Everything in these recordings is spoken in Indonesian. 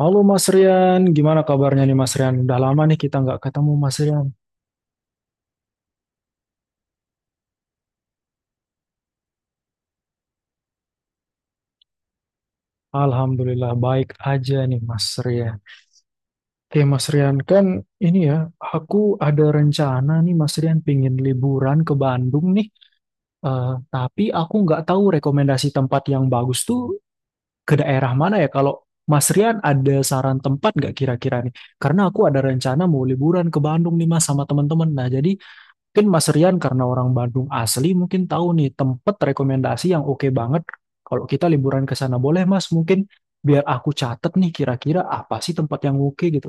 Halo Mas Rian, gimana kabarnya nih Mas Rian? Udah lama nih kita nggak ketemu Mas Rian. Alhamdulillah baik aja nih Mas Rian. Oke Mas Rian, kan ini ya, aku ada rencana nih Mas Rian pingin liburan ke Bandung nih. Eh, tapi aku nggak tahu rekomendasi tempat yang bagus tuh ke daerah mana ya. Kalau Mas Rian ada saran tempat nggak kira-kira nih? Karena aku ada rencana mau liburan ke Bandung nih Mas sama teman-teman. Nah jadi mungkin Mas Rian karena orang Bandung asli mungkin tahu nih tempat rekomendasi yang oke banget kalau kita liburan ke sana. Boleh Mas mungkin biar aku catet nih kira-kira apa sih tempat yang oke gitu.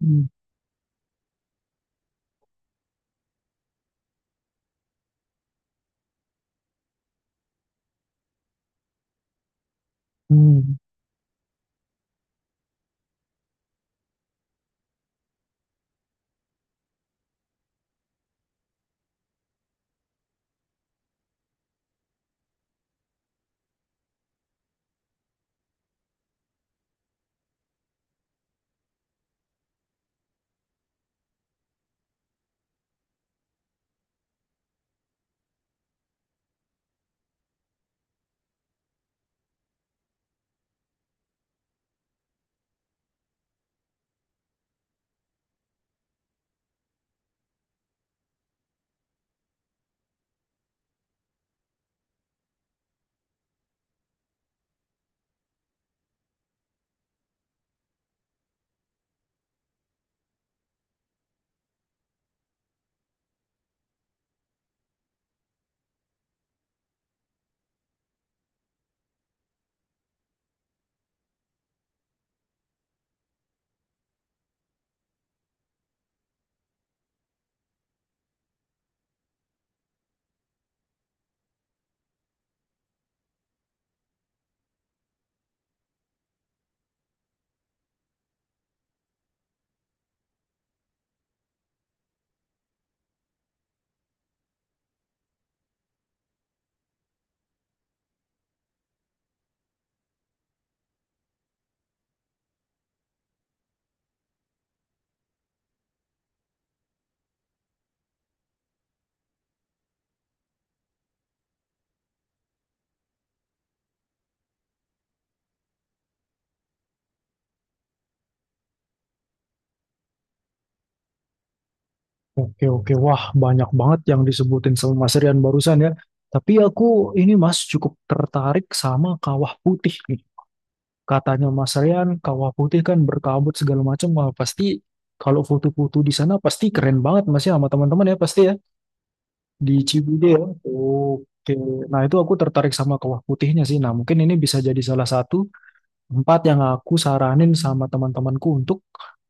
Hmm, hmm. Oke, oke. Wah, banyak banget yang disebutin sama Mas Rian barusan ya. Tapi aku ini Mas cukup tertarik sama Kawah Putih nih. Katanya Mas Rian, Kawah Putih kan berkabut segala macam. Wah, pasti kalau foto-foto di sana pasti keren banget Mas ya sama teman-teman ya pasti ya. Di Ciwidey ya. Oke. Nah, itu aku tertarik sama kawah putihnya sih. Nah, mungkin ini bisa jadi salah satu tempat yang aku saranin sama teman-temanku untuk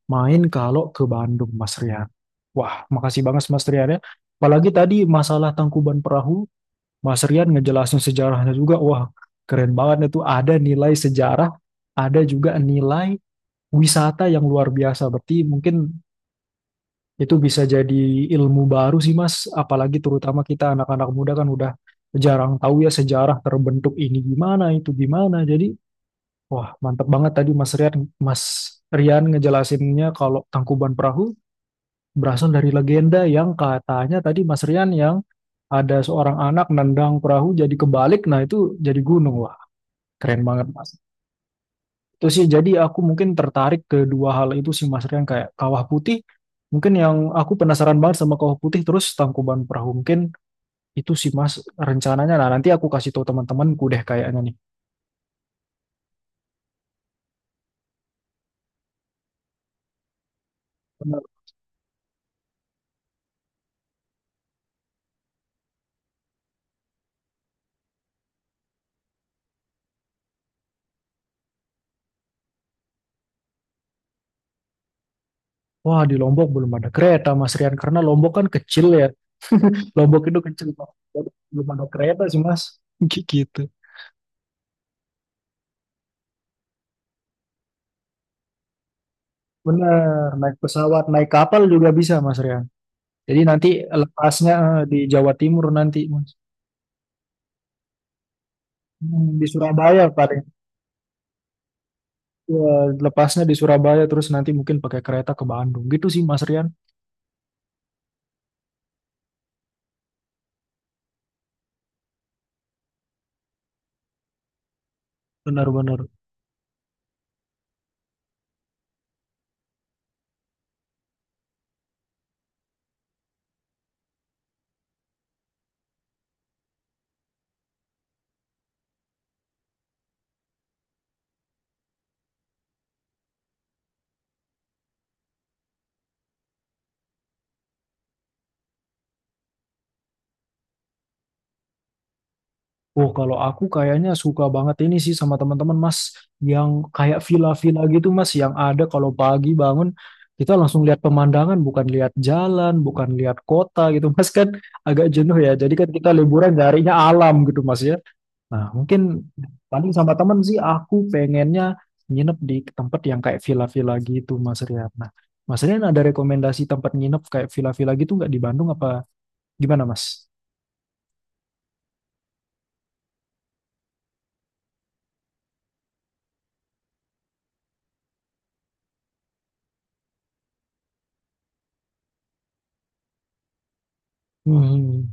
main kalau ke Bandung, Mas Rian. Wah, makasih banget Mas Rian ya. Apalagi tadi masalah Tangkuban Perahu, Mas Rian ngejelasin sejarahnya juga. Wah, keren banget itu. Ada nilai sejarah, ada juga nilai wisata yang luar biasa. Berarti mungkin itu bisa jadi ilmu baru sih Mas, apalagi terutama kita anak-anak muda kan udah jarang tahu ya sejarah terbentuk ini gimana, itu gimana. Jadi, wah mantep banget tadi Mas Rian, Mas Rian ngejelasinnya kalau Tangkuban Perahu berasal dari legenda yang katanya tadi Mas Rian yang ada seorang anak nendang perahu jadi kebalik, nah itu jadi gunung. Wah, keren banget Mas. Itu sih jadi aku mungkin tertarik ke dua hal itu sih Mas Rian kayak Kawah Putih. Mungkin yang aku penasaran banget sama Kawah Putih terus Tangkuban Perahu mungkin itu sih Mas rencananya. Nah, nanti aku kasih tahu teman-temanku deh kayaknya nih. Bener. Wah, di Lombok belum ada kereta Mas Rian karena Lombok kan kecil ya. Lombok itu kecil Mas. Jadi belum ada kereta sih Mas. Gitu. Bener, naik pesawat, naik kapal juga bisa Mas Rian. Jadi nanti lepasnya di Jawa Timur nanti Mas. Hmm, di Surabaya paling. Ya, lepasnya di Surabaya terus nanti mungkin pakai kereta ke Bandung. Gitu sih Mas Rian. Benar-benar. Oh, kalau aku kayaknya suka banget ini sih sama teman-teman Mas yang kayak villa-villa gitu Mas yang ada kalau pagi bangun kita langsung lihat pemandangan, bukan lihat jalan, bukan lihat kota gitu Mas kan agak jenuh ya. Jadi kan kita liburan nyarinya alam gitu Mas ya. Nah, mungkin paling sama temen sih aku pengennya nginep di tempat yang kayak villa-villa gitu, Mas Rian. Nah, Mas Rian ada rekomendasi tempat nginep kayak villa-villa gitu nggak di Bandung apa gimana, Mas? Hmm.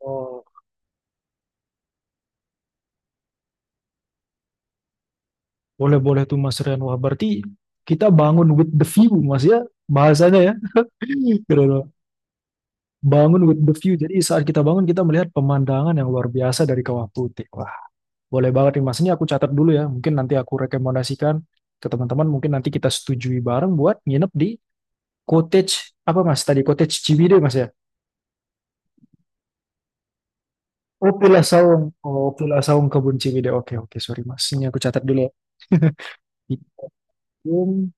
Oh, boleh-boleh tuh Mas Rian. Wah, berarti kita bangun with the view, Mas ya bahasanya ya. Keren. Mas. Bangun with the view. Jadi saat kita bangun kita melihat pemandangan yang luar biasa dari Kawah Putih. Boleh banget nih Mas, ini aku catat dulu ya. Mungkin nanti aku rekomendasikan ke teman-teman, mungkin nanti kita setujui bareng buat nginep di cottage, apa Mas, tadi cottage Ciwidey Mas ya? Oh, Villa Saung. Oh, Villa Saung Kebun Ciwidey. Oke, oke, sorry Mas. Ini aku catat dulu ya. Itu,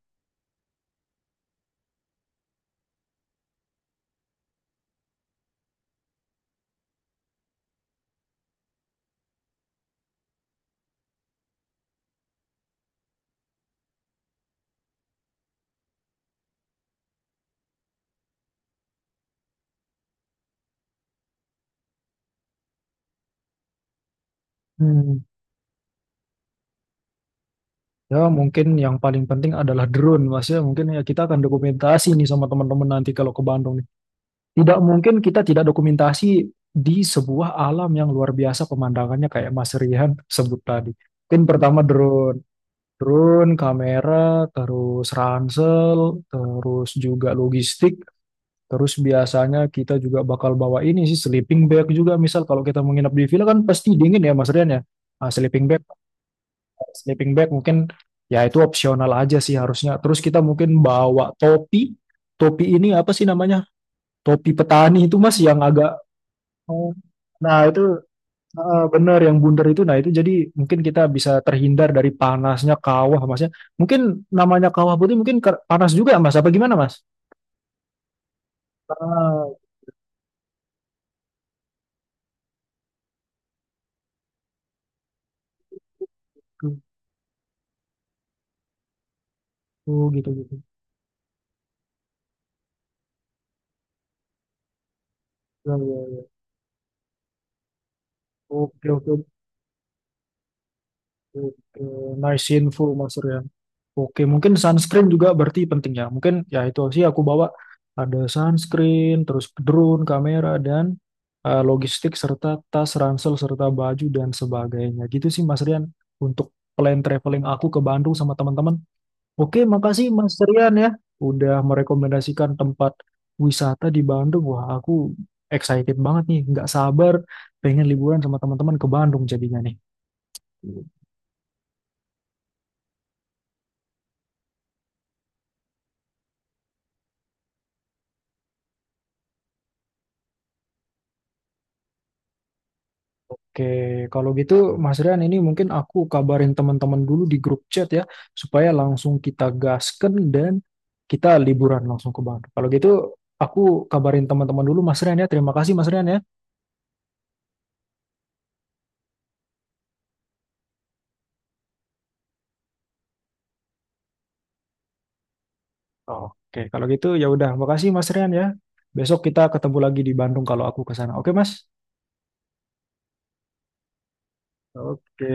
hmm, ya mungkin yang paling penting adalah drone Mas ya. Mungkin ya kita akan dokumentasi nih sama teman-teman nanti kalau ke Bandung nih. Tidak mungkin kita tidak dokumentasi di sebuah alam yang luar biasa pemandangannya kayak Mas Rihan sebut tadi. Mungkin pertama drone. Drone, kamera, terus ransel, terus juga logistik, terus biasanya kita juga bakal bawa ini sih sleeping bag juga. Misal kalau kita menginap di villa kan pasti dingin ya Mas Rian ya. Nah, sleeping bag mungkin ya itu opsional aja sih harusnya. Terus kita mungkin bawa topi. Topi ini apa sih namanya? Topi petani itu Mas yang agak. Oh. Nah, itu heeh, bener yang bundar itu nah itu jadi mungkin kita bisa terhindar dari panasnya kawah mas ya mungkin namanya kawah putih mungkin panas juga mas apa gimana mas ah gitu gitu gitu ya, ya, ya. Oke, oke. Oke, nice info Mas Rian. Oke, mungkin sunscreen juga berarti penting ya. Mungkin ya itu sih aku bawa ada sunscreen, terus drone, kamera dan logistik serta tas, ransel serta baju dan sebagainya. Gitu sih Mas Rian untuk plan traveling aku ke Bandung sama teman-teman. Oke, makasih Mas Rian ya udah merekomendasikan tempat wisata di Bandung. Wah, aku excited banget nih, nggak sabar pengen liburan sama teman-teman ke Bandung jadinya nih. Oke, kalau gitu Mas Rian ini mungkin aku kabarin teman-teman dulu di grup chat ya, supaya langsung kita gasken dan kita liburan langsung ke Bandung. Kalau gitu aku kabarin teman-teman dulu Mas Rian ya. Terima kasih Mas Rian ya. Oke, kalau gitu ya udah, makasih Mas Rian ya. Besok kita ketemu lagi di Bandung kalau aku ke sana. Oke, Mas? Oke.